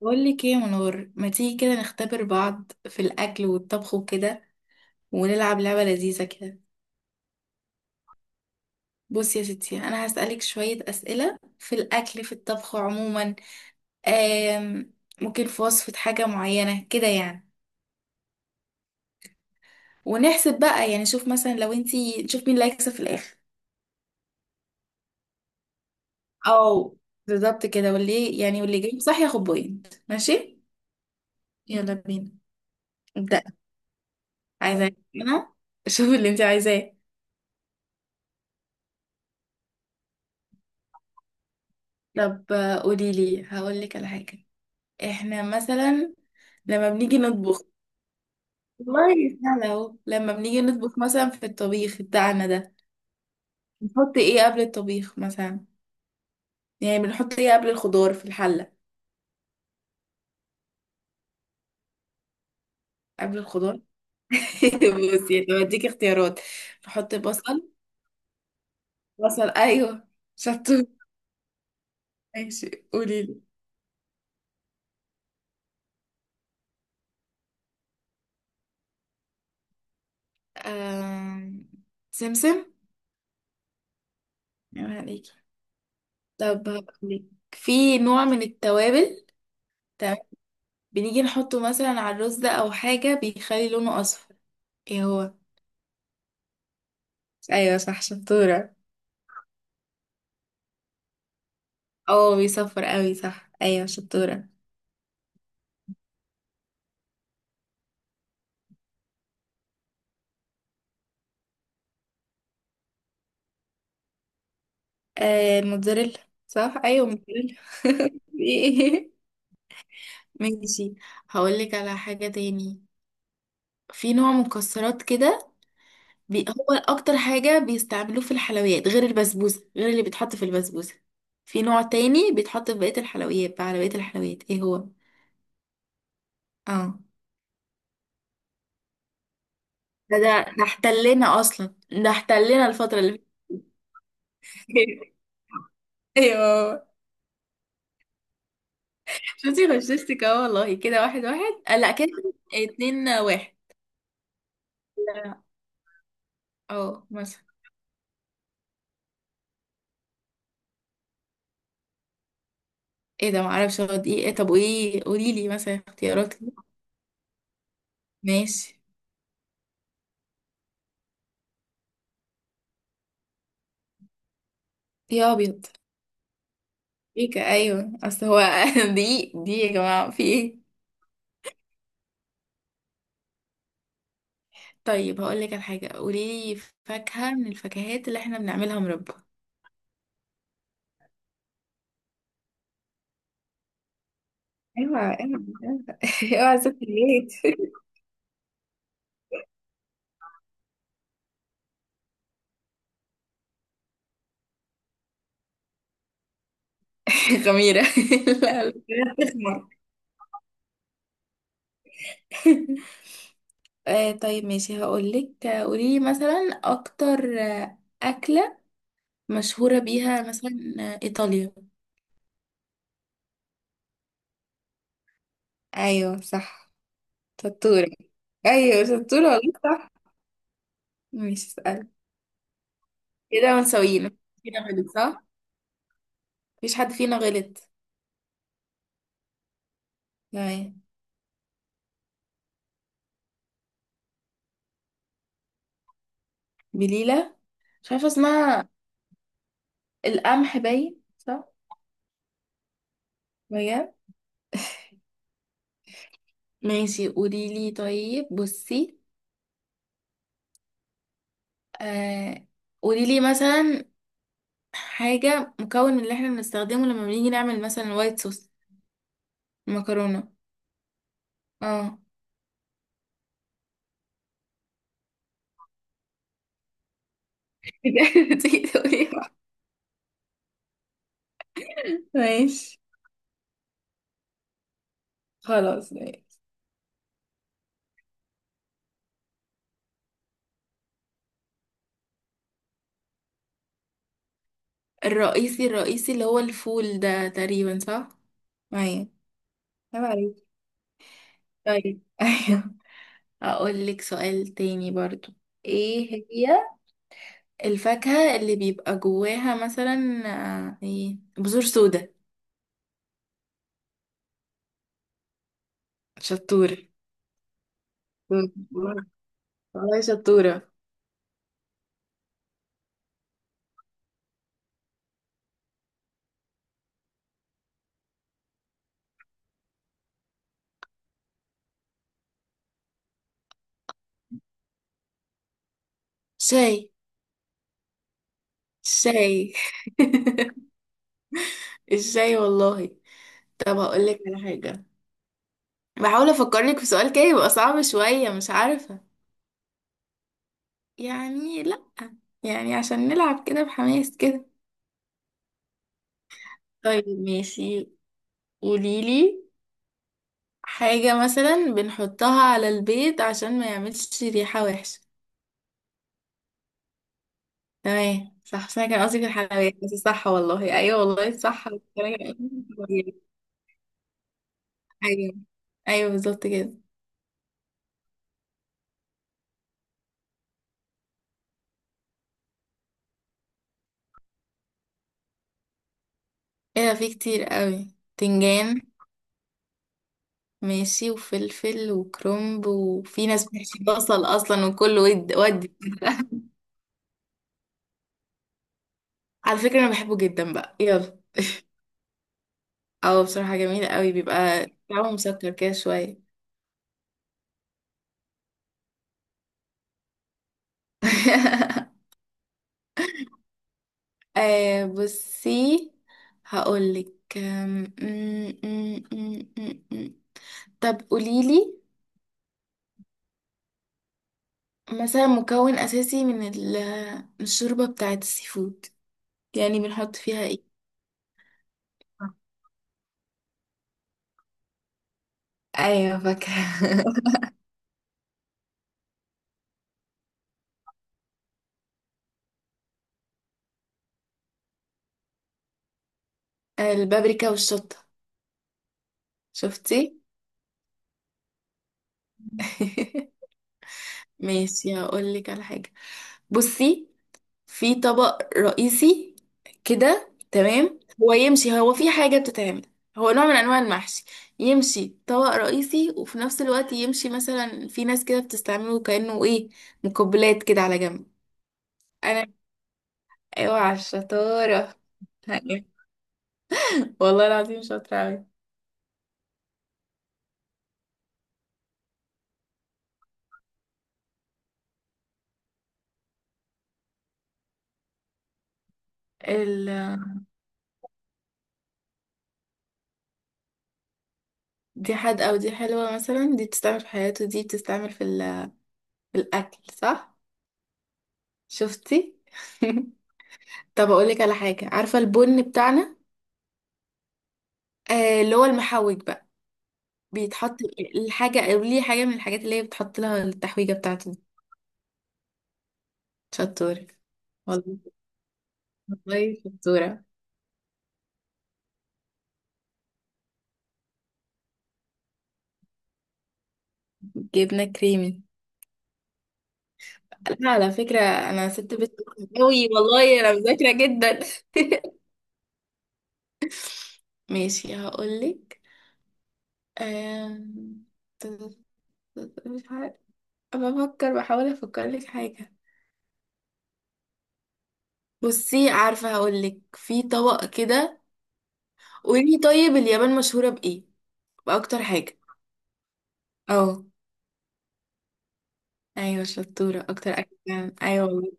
بقول لك ايه يا منور، ما تيجي كده نختبر بعض في الاكل والطبخ وكده، ونلعب لعبة لذيذة كده. بصي يا ستي، انا هسألك شوية اسئلة في الاكل في الطبخ عموما. آم ممكن في وصفة حاجة معينة كده يعني. ونحسب بقى يعني، شوف مثلا لو انتي، نشوف مين اللي هيكسب في الاخر. او بالظبط كده، واللي يعني واللي جاي صح ياخد بوينت ماشي. يلا بينا. ابدأ. عايزة انا، شوف اللي انتي عايزاه. طب قولي لي هقول لك على حاجة. احنا مثلا لما بنيجي نطبخ، والله سهلة اهو. لما بنيجي نطبخ مثلا في الطبيخ بتاعنا ده، بنحط ايه قبل الطبيخ مثلا؟ يعني بنحط ايه قبل الخضار في الحلة؟ قبل الخضار. بصي طب اديك اختيارات. نحط بصل. بصل ايوه. شطور. ماشي قولي لي. آم... سمسم. يا عليكي. طب هقولك، في نوع من التوابل. تمام. بنيجي نحطه مثلا على الرز ده، او حاجة بيخلي لونه اصفر، ايه هو؟ ايوه صح شطورة. اه بيصفر قوي صح، ايوه شطورة. الموتزاريلا. صح ايوه موتزاريلا. إيه؟ ماشي، هقولك على حاجة تاني. في نوع مكسرات كده. هو اكتر حاجة بيستعملوه في الحلويات غير البسبوسة، غير اللي بيتحط في البسبوسة. في نوع تاني بيتحط في بقية الحلويات بقى، على بقية الحلويات، ايه هو؟ اه، ده احتلنا اصلا، ده احتلنا الفترة اللي فاتت. ايوه. شفتي غششتك اهو والله، كده واحد واحد لا كده اتنين واحد. لا، اه مثلا. ايه ده معرفش هو دي ايه، طب وايه قولي لي مثلا اختيارات كده. ماشي. يا ابيض. ايه ايوه اصل هو، دي يا جماعه في ايه. طيب هقول لك على حاجه، قولي لي فاكهه من الفاكهات اللي احنا بنعملها مربى. اوعى اوعى اوعى، اوعى ست البيت. خميره. لا لا. تخمر. طيب ماشي هقولك، قوليلي مثلا أكتر أكلة مشهورة بيها مثلا إيطاليا. أيوه صح شطورة. أيوه شطورة والله صح. ماشي اسأل. كده ونسوينا، فينا غلط صح؟ مفيش حد فينا غلط. تمام. بليلة. مش عارفة اسمها. القمح باين صح؟ بجد؟ ماشي قوليلي، طيب بصي. آه قوليلي مثلا حاجة، مكون اللي احنا بنستخدمه لما بنيجي نعمل مثلا وايت صوص، مكرونة. اه. تيجي تقولي. ماشي خلاص ماشي. الرئيسي اللي هو الفول ده تقريبا، صح؟ معايا. عيب عليك. طيب، ايوه. اقول لك سؤال تاني برضو. ايه هي الفاكهة اللي بيبقى جواها مثلا ايه، بذور سودا؟ شطورة. والله شطورة. شاي. شاي. الشاي والله. طب هقول لك على حاجة، بحاول افكر لك في سؤال كده يبقى صعب شوية، مش عارفة. يعني لا، يعني عشان نلعب كده بحماس كده. طيب ماشي قوليلي، حاجة مثلا بنحطها على البيت عشان ما يعملش ريحة وحشة. تمام صح، بس انا كان قصدي في الحلويات، بس صح والله، ايوه والله صح، أنا كان قصدي في الحلويات. ايوه. ايوه بالظبط كده. ايه ده، في كتير قوي، تنجان ماشي، وفلفل وكرنب، وفي ناس بتحشي بصل اصلا، وكله ودي. على فكرة انا بحبه جدا بقى، يلا. اه بصراحة جميل قوي، بيبقى طعمه مسكر كده شوية. بصي هقولك، أم، أم، أم، أم، أم، أم. طب قوليلي مثلا، مكون أساسي من من الشوربة بتاعة السي فود، يعني بنحط فيها ايه؟ ايوه فاكرة. البابريكا والشطة. شفتي. ماشي هقولك على حاجة، بصي. في طبق رئيسي كده، تمام، هو يمشي، هو في حاجة بتتعمل، هو نوع من أنواع المحشي، يمشي طبق رئيسي، وفي نفس الوقت يمشي مثلا في ناس كده بتستعمله كأنه إيه، مقبلات كده على جنب. أنا. أوعى الشطارة. والله العظيم شاطرة أوي. ال... دي حد، أو دي حلوة مثلا، دي بتستعمل في حياته، دي بتستعمل في، في الأكل صح؟ شفتي؟ طب أقولك على حاجة، عارفة البن بتاعنا، اللي هو المحوج بقى، بيتحط الحاجة، أو ليه حاجة من الحاجات اللي هي بتحط لها التحويجة بتاعته. شطور. والله والله شطورة. جبنة كريمي. لا على فكرة أنا ست بيت قوي والله، أنا مذاكرة جدا. ماشي هقولك، أم، مش عارفة، بفكر بحاول أفكر لك حاجة. بصي عارفة، هقولك في طبق كده. قولي طيب، اليابان مشهورة بإيه؟ بأكتر حاجة. اه. ايوه شطورة، أكتر أكل فعلاً. أيوة.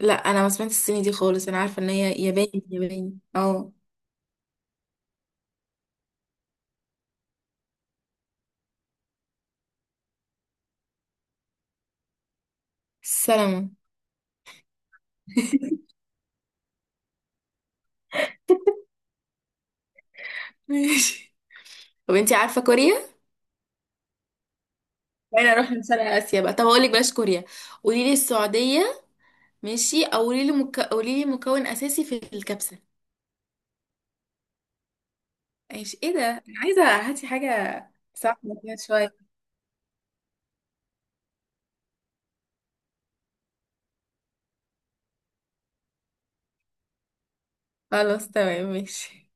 لا انا ما سمعتش الصيني دي خالص، انا عارفه ان هي ياباني، ياباني اه. سلامة. ماشي. طب انتي عارفه كوريا، بعدين اروح لشرق اسيا بقى، طب اقول لك بلاش كوريا، قولي لي السعوديه. ماشي. او قولي لي قولي لي مكون اساسي في الكبسه. ماشي، ايه ده انا عايزه هاتي حاجه. صعبه كده شويه. خلاص تمام ماشي.